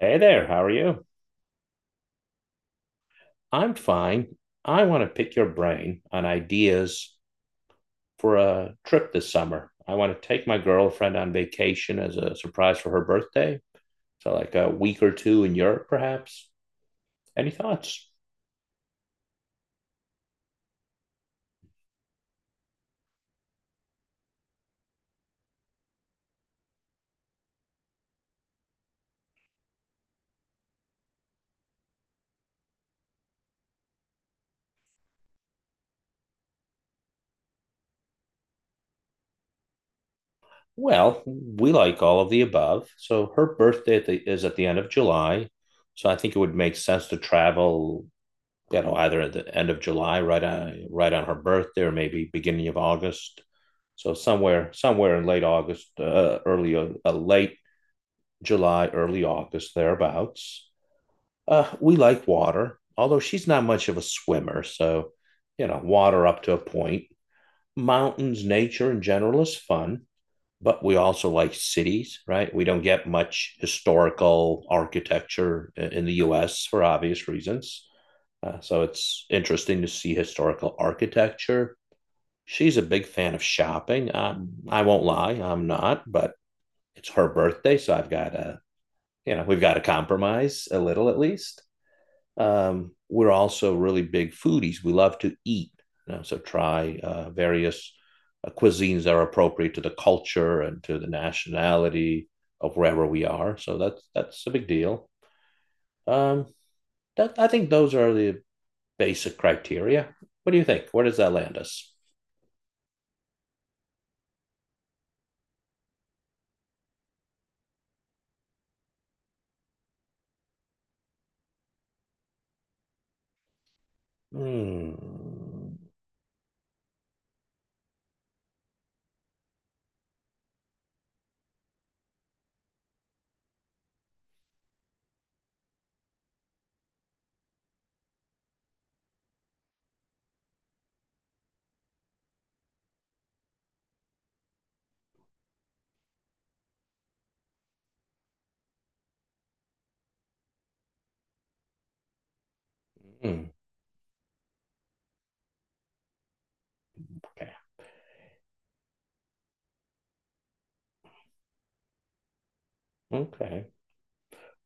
Hey there, how are you? I'm fine. I want to pick your brain on ideas for a trip this summer. I want to take my girlfriend on vacation as a surprise for her birthday. So, like a week or two in Europe, perhaps. Any thoughts? Well, we like all of the above. So, her birthday is at the end of July. So, I think it would make sense to travel, either at the end of July, right on her birthday, or maybe beginning of August. So somewhere in late August, early late July, early August thereabouts. We like water, although she's not much of a swimmer, so, water up to a point. Mountains, nature in general is fun, but we also like cities, right? We don't get much historical architecture in the US for obvious reasons. So it's interesting to see historical architecture. She's a big fan of shopping. I won't lie, I'm not, but it's her birthday, so I've got to, we've got to compromise a little at least. We're also really big foodies. We love to eat, so try various cuisines that are appropriate to the culture and to the nationality of wherever we are. So that's a big deal. Um, I think those are the basic criteria. What do you think? Where does that land us? Hmm. Hmm. Okay. Okay.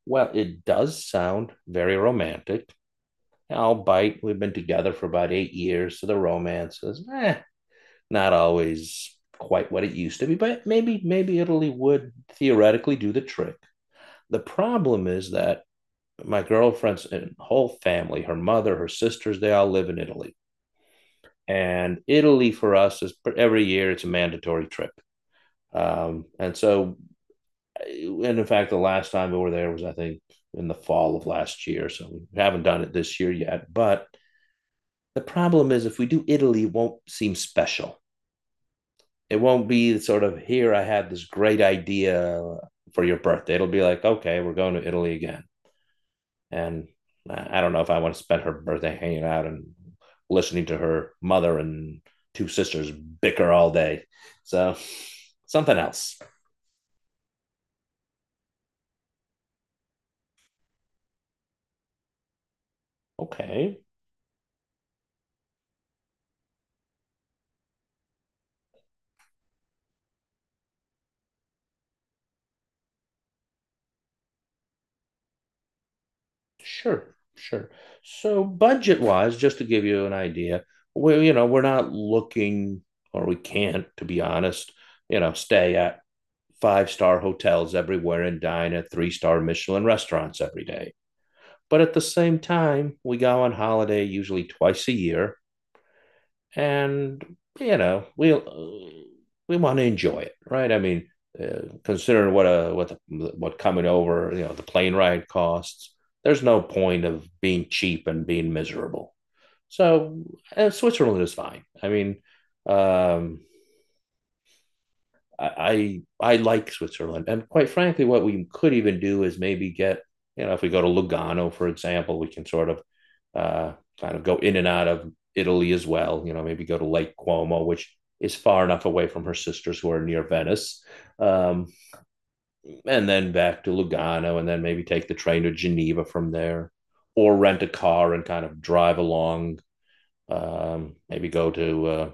Well, it does sound very romantic. Albeit we've been together for about 8 years, so the romance is, eh, not always quite what it used to be. But maybe Italy would theoretically do the trick. The problem is that my girlfriend's whole family, her mother, her sisters, they all live in Italy. And Italy for us is every year, it's a mandatory trip. Um, and so, and in fact, the last time we were there was, I think, in the fall of last year. So we haven't done it this year yet. But the problem is, if we do Italy, it won't seem special. It won't be sort of, here, I had this great idea for your birthday. It'll be like, okay, we're going to Italy again. And I don't know if I want to spend her birthday hanging out and listening to her mother and two sisters bicker all day. So something else. Okay. Sure, sure. So budget-wise, just to give you an idea, we're not looking, or we can't, to be honest, stay at five-star hotels everywhere and dine at three-star Michelin restaurants every day. But at the same time, we go on holiday usually twice a year, and you know we we want to enjoy it, right? I mean, considering what coming over, the plane ride costs. There's no point of being cheap and being miserable. So, Switzerland is fine. I mean, um, I like Switzerland, and quite frankly, what we could even do is maybe get, you know, if we go to Lugano, for example, we can sort of uh, kind of go in and out of Italy as well. You know, maybe go to Lake Como, which is far enough away from her sisters who are near Venice, um, and then back to Lugano, and then maybe take the train to Geneva from there, or rent a car and kind of drive along. Maybe go to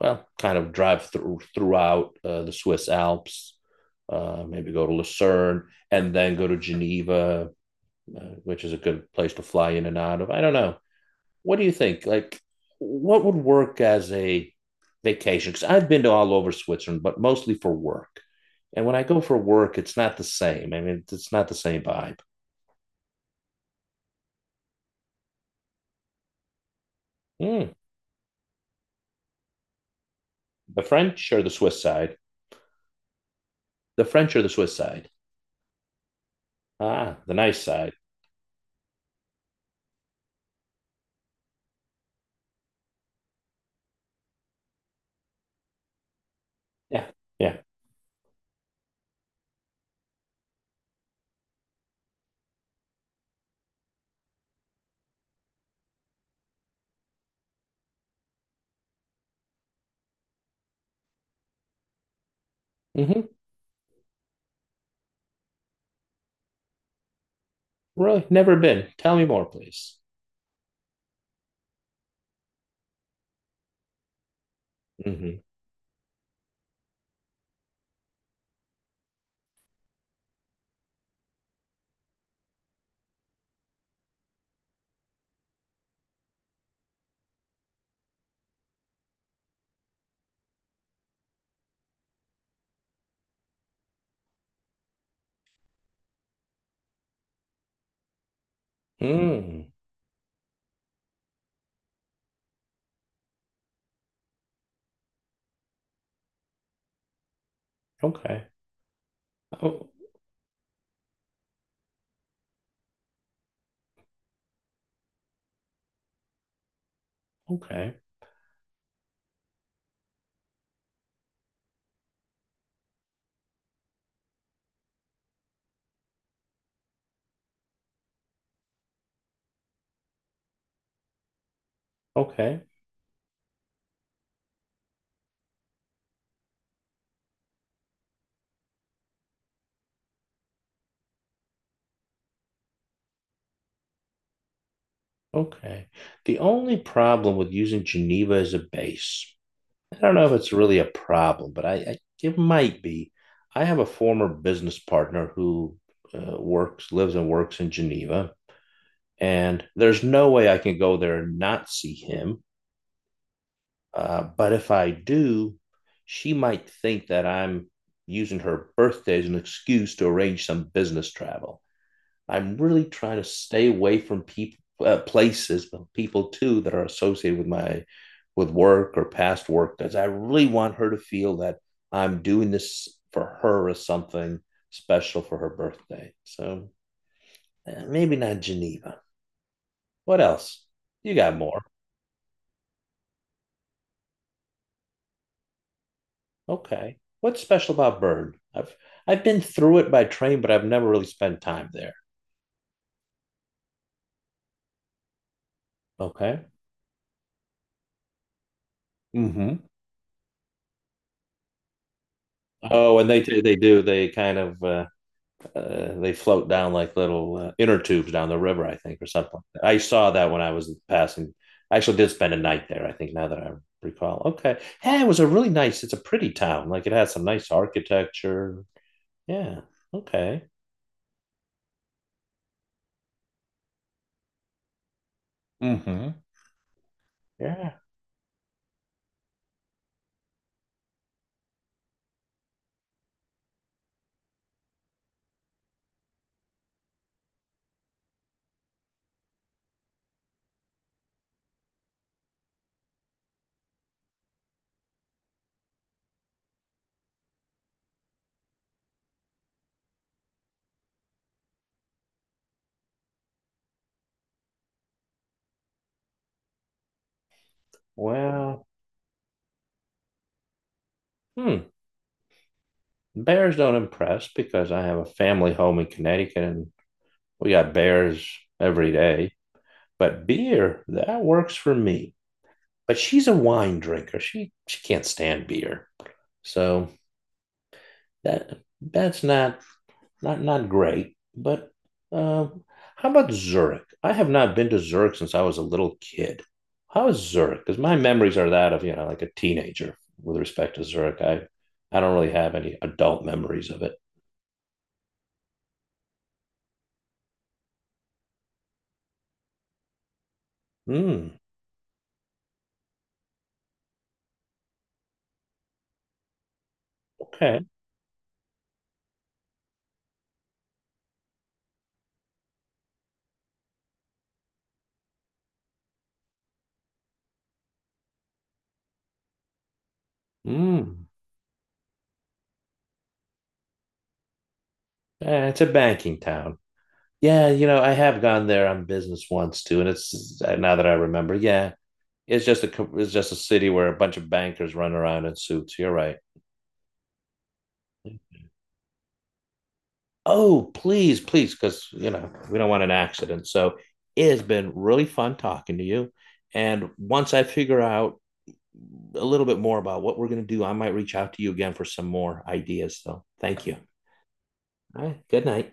well, Kind of drive throughout the Swiss Alps, maybe go to Lucerne and then go to Geneva, which is a good place to fly in and out of. I don't know. What do you think? Like, what would work as a vacation? Because I've been to all over Switzerland, but mostly for work. And when I go for work, it's not the same. I mean, it's not the same vibe. Hmm. The French or the Swiss side? The French or the Swiss side? Ah, the nice side. Yeah, yeah. hmm Really? Never been. Tell me more, please. Mm-hmm. Mm. Okay. Oh, okay. Okay. Okay. The only problem with using Geneva as a base, I don't know if it's really a problem, but I it might be. I have a former business partner who lives and works in Geneva, and there's no way I can go there and not see him. But if I do, she might think that I'm using her birthday as an excuse to arrange some business travel. I'm really trying to stay away from people, places, but people too that are associated with my, with work or past work, because I really want her to feel that I'm doing this for her as something special for her birthday. So, eh, maybe not Geneva. What else? You got more? Okay. What's special about Bern? I've been through it by train, but I've never really spent time there. Okay. Hmm. Oh, and they do. They kind of they float down like little inner tubes down the river, I think, or something like that. I saw that when I was passing. I actually did spend a night there, I think, now that I recall. Okay. Yeah, it was a really nice, it's a pretty town. Like it has some nice architecture. Yeah. Okay. Hmm. Yeah. Well, hmm. Bears don't impress because I have a family home in Connecticut and we got bears every day. But beer, that works for me. But she's a wine drinker. She can't stand beer. So that's not not great. But uh, how about Zurich? I have not been to Zurich since I was a little kid. How is Zurich? Because my memories are that of, you know, like a teenager with respect to Zurich. I don't really have any adult memories of it. Hmm. Okay. Mm, eh, it's a banking town. Yeah, you know, I have gone there on business once too, and it's now that I remember, yeah, it's just a city where a bunch of bankers run around in suits. You're right. Oh, please, please, because you know we don't want an accident. So it has been really fun talking to you. And once I figure out a little bit more about what we're going to do, I might reach out to you again for some more ideas. So thank you. All right. Good night.